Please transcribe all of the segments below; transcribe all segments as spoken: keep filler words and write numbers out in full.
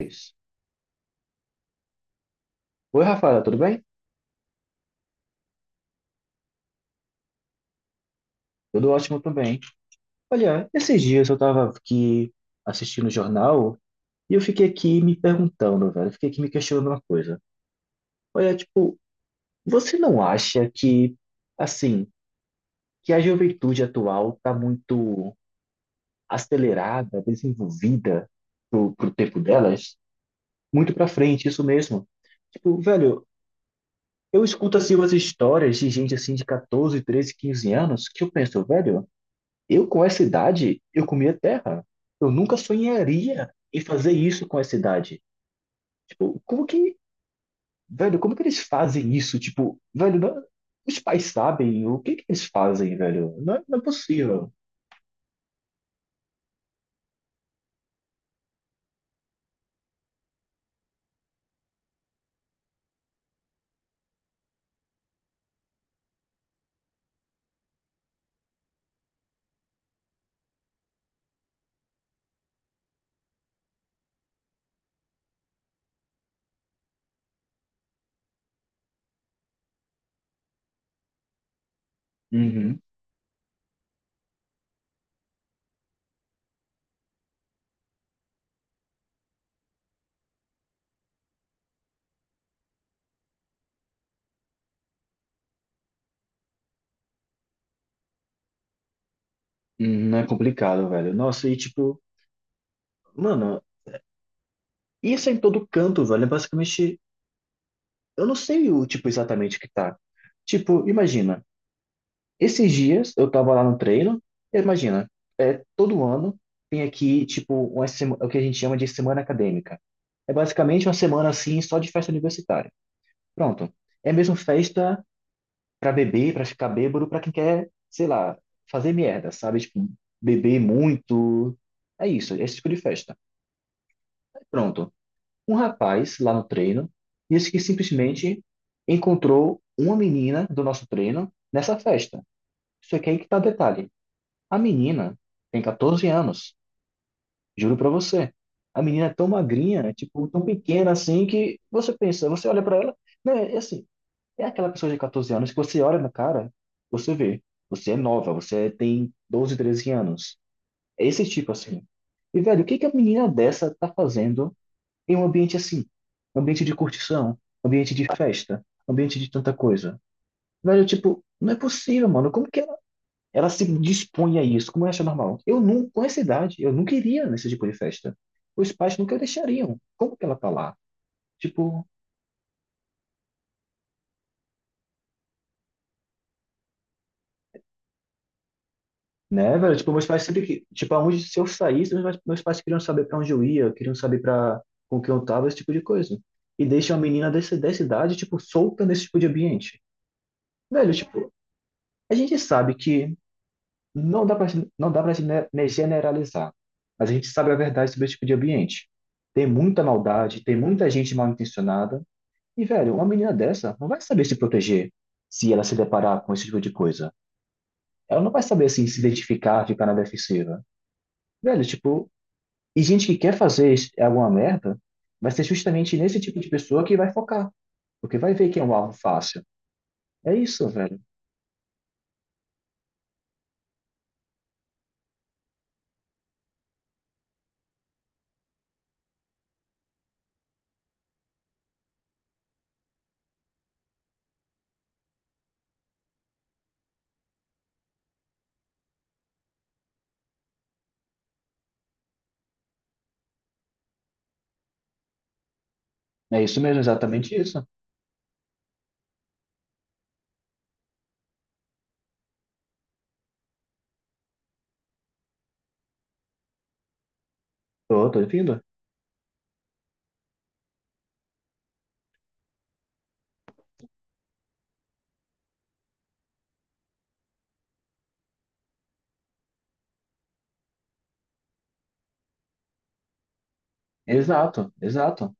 Isso. Oi, Rafaela, tudo bem? Tudo ótimo também. Olha, esses dias eu estava aqui assistindo o jornal e eu fiquei aqui me perguntando, velho, eu fiquei aqui me questionando uma coisa. Olha, tipo, você não acha que, assim, que a juventude atual tá muito acelerada, desenvolvida pro, pro tempo delas? Muito pra frente, isso mesmo. Tipo, velho, eu escuto assim umas histórias de gente assim de catorze, treze, quinze anos que eu penso, velho. Eu, com essa idade, eu comia terra. Eu nunca sonharia em fazer isso com essa idade. Tipo, como que, velho, como que eles fazem isso? Tipo, velho, não- os pais sabem o que que eles fazem, velho? Não é, não é possível. Uhum. Uhum, não é complicado, velho. Nossa, e tipo, mano, isso é em todo canto, velho. É basicamente, eu não sei o tipo exatamente que tá. Tipo, imagina. Esses dias eu tava lá no treino, e imagina, é, todo ano tem aqui, tipo, uma sema- o que a gente chama de semana acadêmica. É basicamente uma semana assim só de festa universitária. Pronto. É mesmo festa pra beber, pra ficar bêbado, pra quem quer, sei lá, fazer merda, sabe? Tipo, beber muito. É isso, é esse tipo de festa. Pronto. Um rapaz lá no treino disse que simplesmente encontrou uma menina do nosso treino nessa festa. Isso aqui é que tá o detalhe. A menina tem catorze anos, juro pra você. A menina é tão magrinha, é tipo, tão pequena assim que você pensa, você olha pra ela, né, é assim, é aquela pessoa de catorze anos que você olha na cara, você vê, você é nova, você tem doze, treze anos. É esse tipo assim. E velho, o que que a menina dessa tá fazendo em um ambiente assim? Um ambiente de curtição, um ambiente de festa, um ambiente de tanta coisa. Velho, tipo, não é possível, mano. Como que ela se dispõe a isso, como eu acho normal. Eu não, com essa idade, eu não queria nesse tipo de festa. Os pais nunca deixariam. Como que ela tá lá? Tipo, né, velho? Tipo, meus pais sempre que, tipo, aonde se eu saísse, meus pais, meus pais queriam saber pra onde eu ia, queriam saber para com quem eu tava, esse tipo de coisa. E deixa uma menina dessa, dessa idade, tipo, solta nesse tipo de ambiente. Velho, tipo, a gente sabe que não dá pra, não dá pra gene- né, generalizar, mas a gente sabe a verdade sobre esse tipo de ambiente. Tem muita maldade, tem muita gente mal intencionada. E, velho, uma menina dessa não vai saber se proteger se ela se deparar com esse tipo de coisa. Ela não vai saber, assim, se identificar, ficar na defensiva. Velho, tipo, e gente que quer fazer es- alguma merda vai ser justamente nesse tipo de pessoa que vai focar. Porque vai ver que é um alvo fácil. É isso, velho. É isso mesmo, exatamente isso. Tô, tô ouvindo. Exato, exato.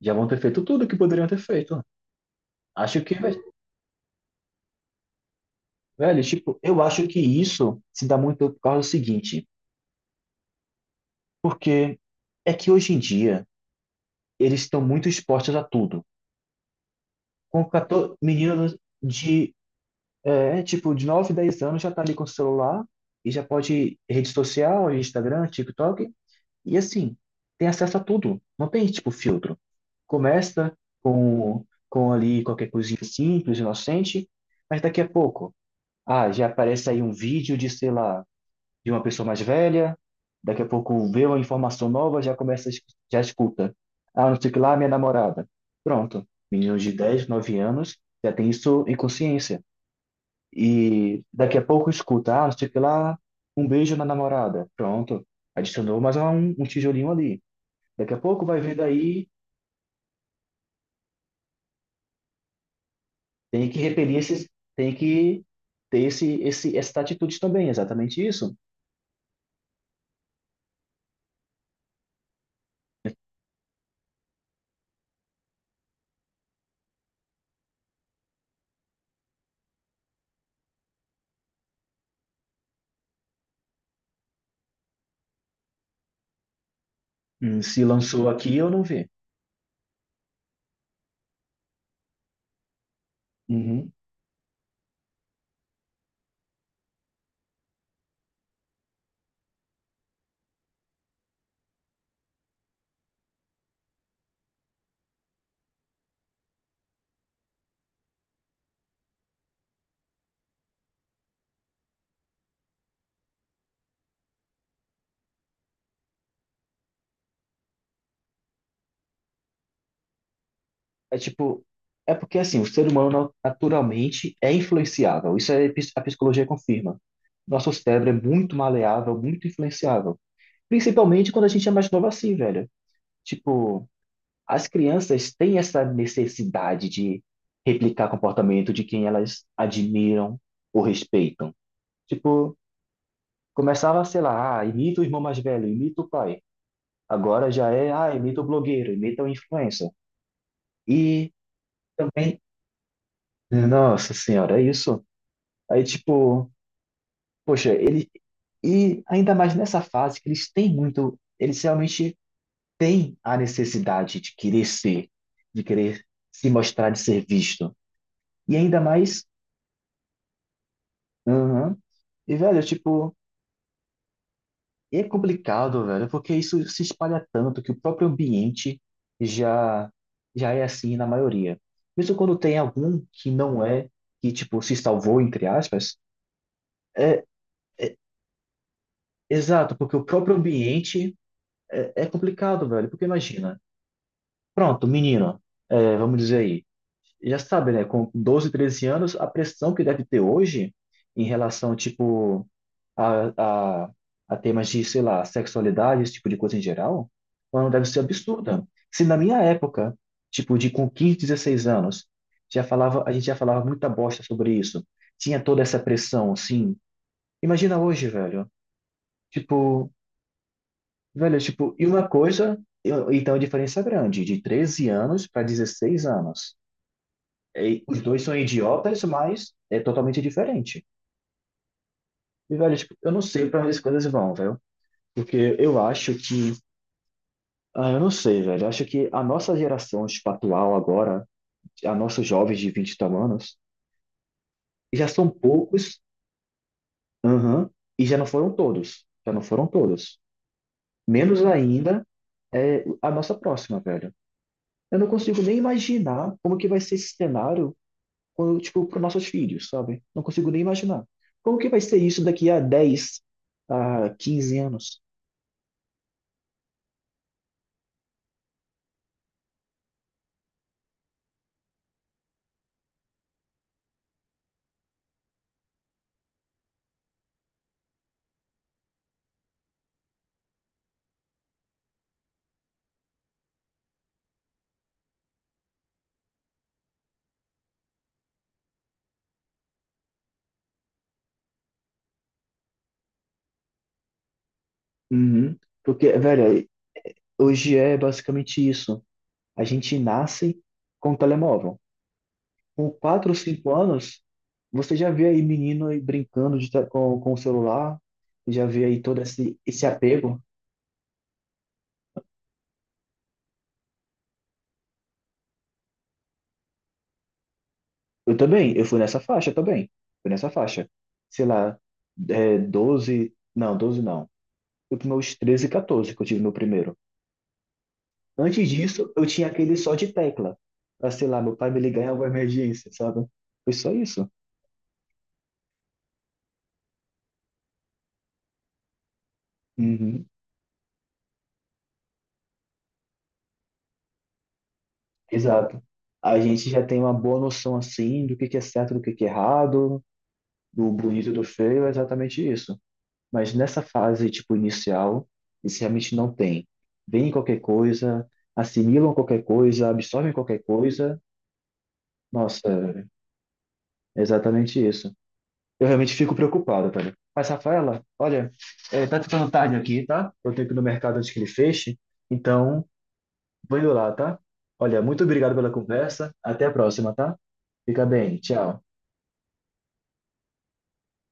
Já vão ter feito tudo que poderiam ter feito. Acho que, ve- velho, tipo, eu acho que isso se dá muito por causa do seguinte. Porque é que hoje em dia, eles estão muito expostos a tudo. Com catorze, menino de, é, tipo, de nove dez anos já tá ali com o celular e já pode rede social, Instagram, TikTok, e assim, tem acesso a tudo. Não tem, tipo, filtro. Começa com, com ali qualquer coisinha simples, inocente, mas daqui a pouco, ah, já aparece aí um vídeo de, sei lá, de uma pessoa mais velha, daqui a pouco vê uma informação nova, já começa, a es- já escuta. Ah, não sei o que lá, minha namorada. Pronto. Meninos de dez nove anos já tem isso em consciência. E daqui a pouco escuta, ah, não sei o que lá, um beijo na namorada. Pronto. Adicionou mais um, um tijolinho ali. Daqui a pouco vai ver daí, tem que repelir esses, tem que ter esse, esse, essa atitude também, exatamente isso. Hum, Se lançou aqui, eu não vi. Uhum. É tipo, é porque assim, o ser humano naturalmente é influenciável. Isso é, pis- a psicologia confirma. Nosso cérebro é muito maleável, muito influenciável. Principalmente quando a gente é mais novo assim, velho. Tipo, as crianças têm essa necessidade de replicar comportamento de quem elas admiram ou respeitam. Tipo, começava, sei lá, ah, imita o irmão mais velho, imita o pai. Agora já é, ah, imita o blogueiro, imita o influencer. E também, nossa senhora, é isso. Aí, tipo, poxa, ele. E ainda mais nessa fase que eles têm muito. Eles realmente têm a necessidade de querer ser, de querer se mostrar, de ser visto. E ainda mais. Aham. E, velho, tipo, é complicado, velho, porque isso se espalha tanto que o próprio ambiente já, já é assim na maioria. Mesmo quando tem algum que não é, que, tipo, se salvou, entre aspas. Exato, porque o próprio ambiente é, é complicado, velho, porque imagina. Pronto, menino, é, vamos dizer aí. Já sabe, né? Com doze, treze anos, a pressão que deve ter hoje em relação, tipo, a, a, a temas de, sei lá, sexualidade, esse tipo de coisa em geral, ela não deve ser absurda. Se na minha época, tipo, de com quinze, dezesseis anos, já falava, a gente já falava muita bosta sobre isso. Tinha toda essa pressão, assim. Imagina hoje, velho. Tipo, velho, tipo, e uma coisa, eu- então a diferença é grande, de treze anos para dezesseis anos. E os dois são idiotas, mas é totalmente diferente. E, velho, tipo, eu não sei para onde as coisas vão, velho. Porque eu acho que. Ah, eu não sei, velho. Eu acho que a nossa geração, tipo, atual agora, a nossos jovens de vinte e tal anos, já são poucos, aham, e já não foram todos. Já não foram todos. Menos ainda é a nossa próxima, velho. Eu não consigo nem imaginar como que vai ser esse cenário quando, tipo, para nossos filhos, sabe? Não consigo nem imaginar. Como que vai ser isso daqui a dez a quinze anos? Uhum. Porque, velho, hoje é basicamente isso. A gente nasce com telemóvel. Com quatro ou cinco anos, você já vê aí menino aí brincando de te- com, com o celular, já vê aí todo esse, esse apego. Eu também, eu fui nessa faixa também. Fui nessa faixa. Sei lá, é, doze, não, doze não. Fui para meus treze e catorze que eu tive meu primeiro. Antes disso, eu tinha aquele só de tecla. Pra, sei lá, meu pai me ligar em alguma emergência, sabe? Foi só isso. Uhum, exato. A gente já tem uma boa noção, assim, do que que é certo, do que que é errado, do bonito e do feio, é exatamente isso. Mas nessa fase, tipo, inicial, isso realmente não tem. Vem qualquer coisa, assimilam qualquer coisa, absorvem qualquer coisa. Nossa, é exatamente isso. Eu realmente fico preocupado, tá ligado? Mas, Rafaela, olha, é, tá ficando tarde aqui, tá? Eu tenho que ir no mercado antes que ele feche, então vou indo lá, tá? Olha, muito obrigado pela conversa. Até a próxima, tá? Fica bem, tchau.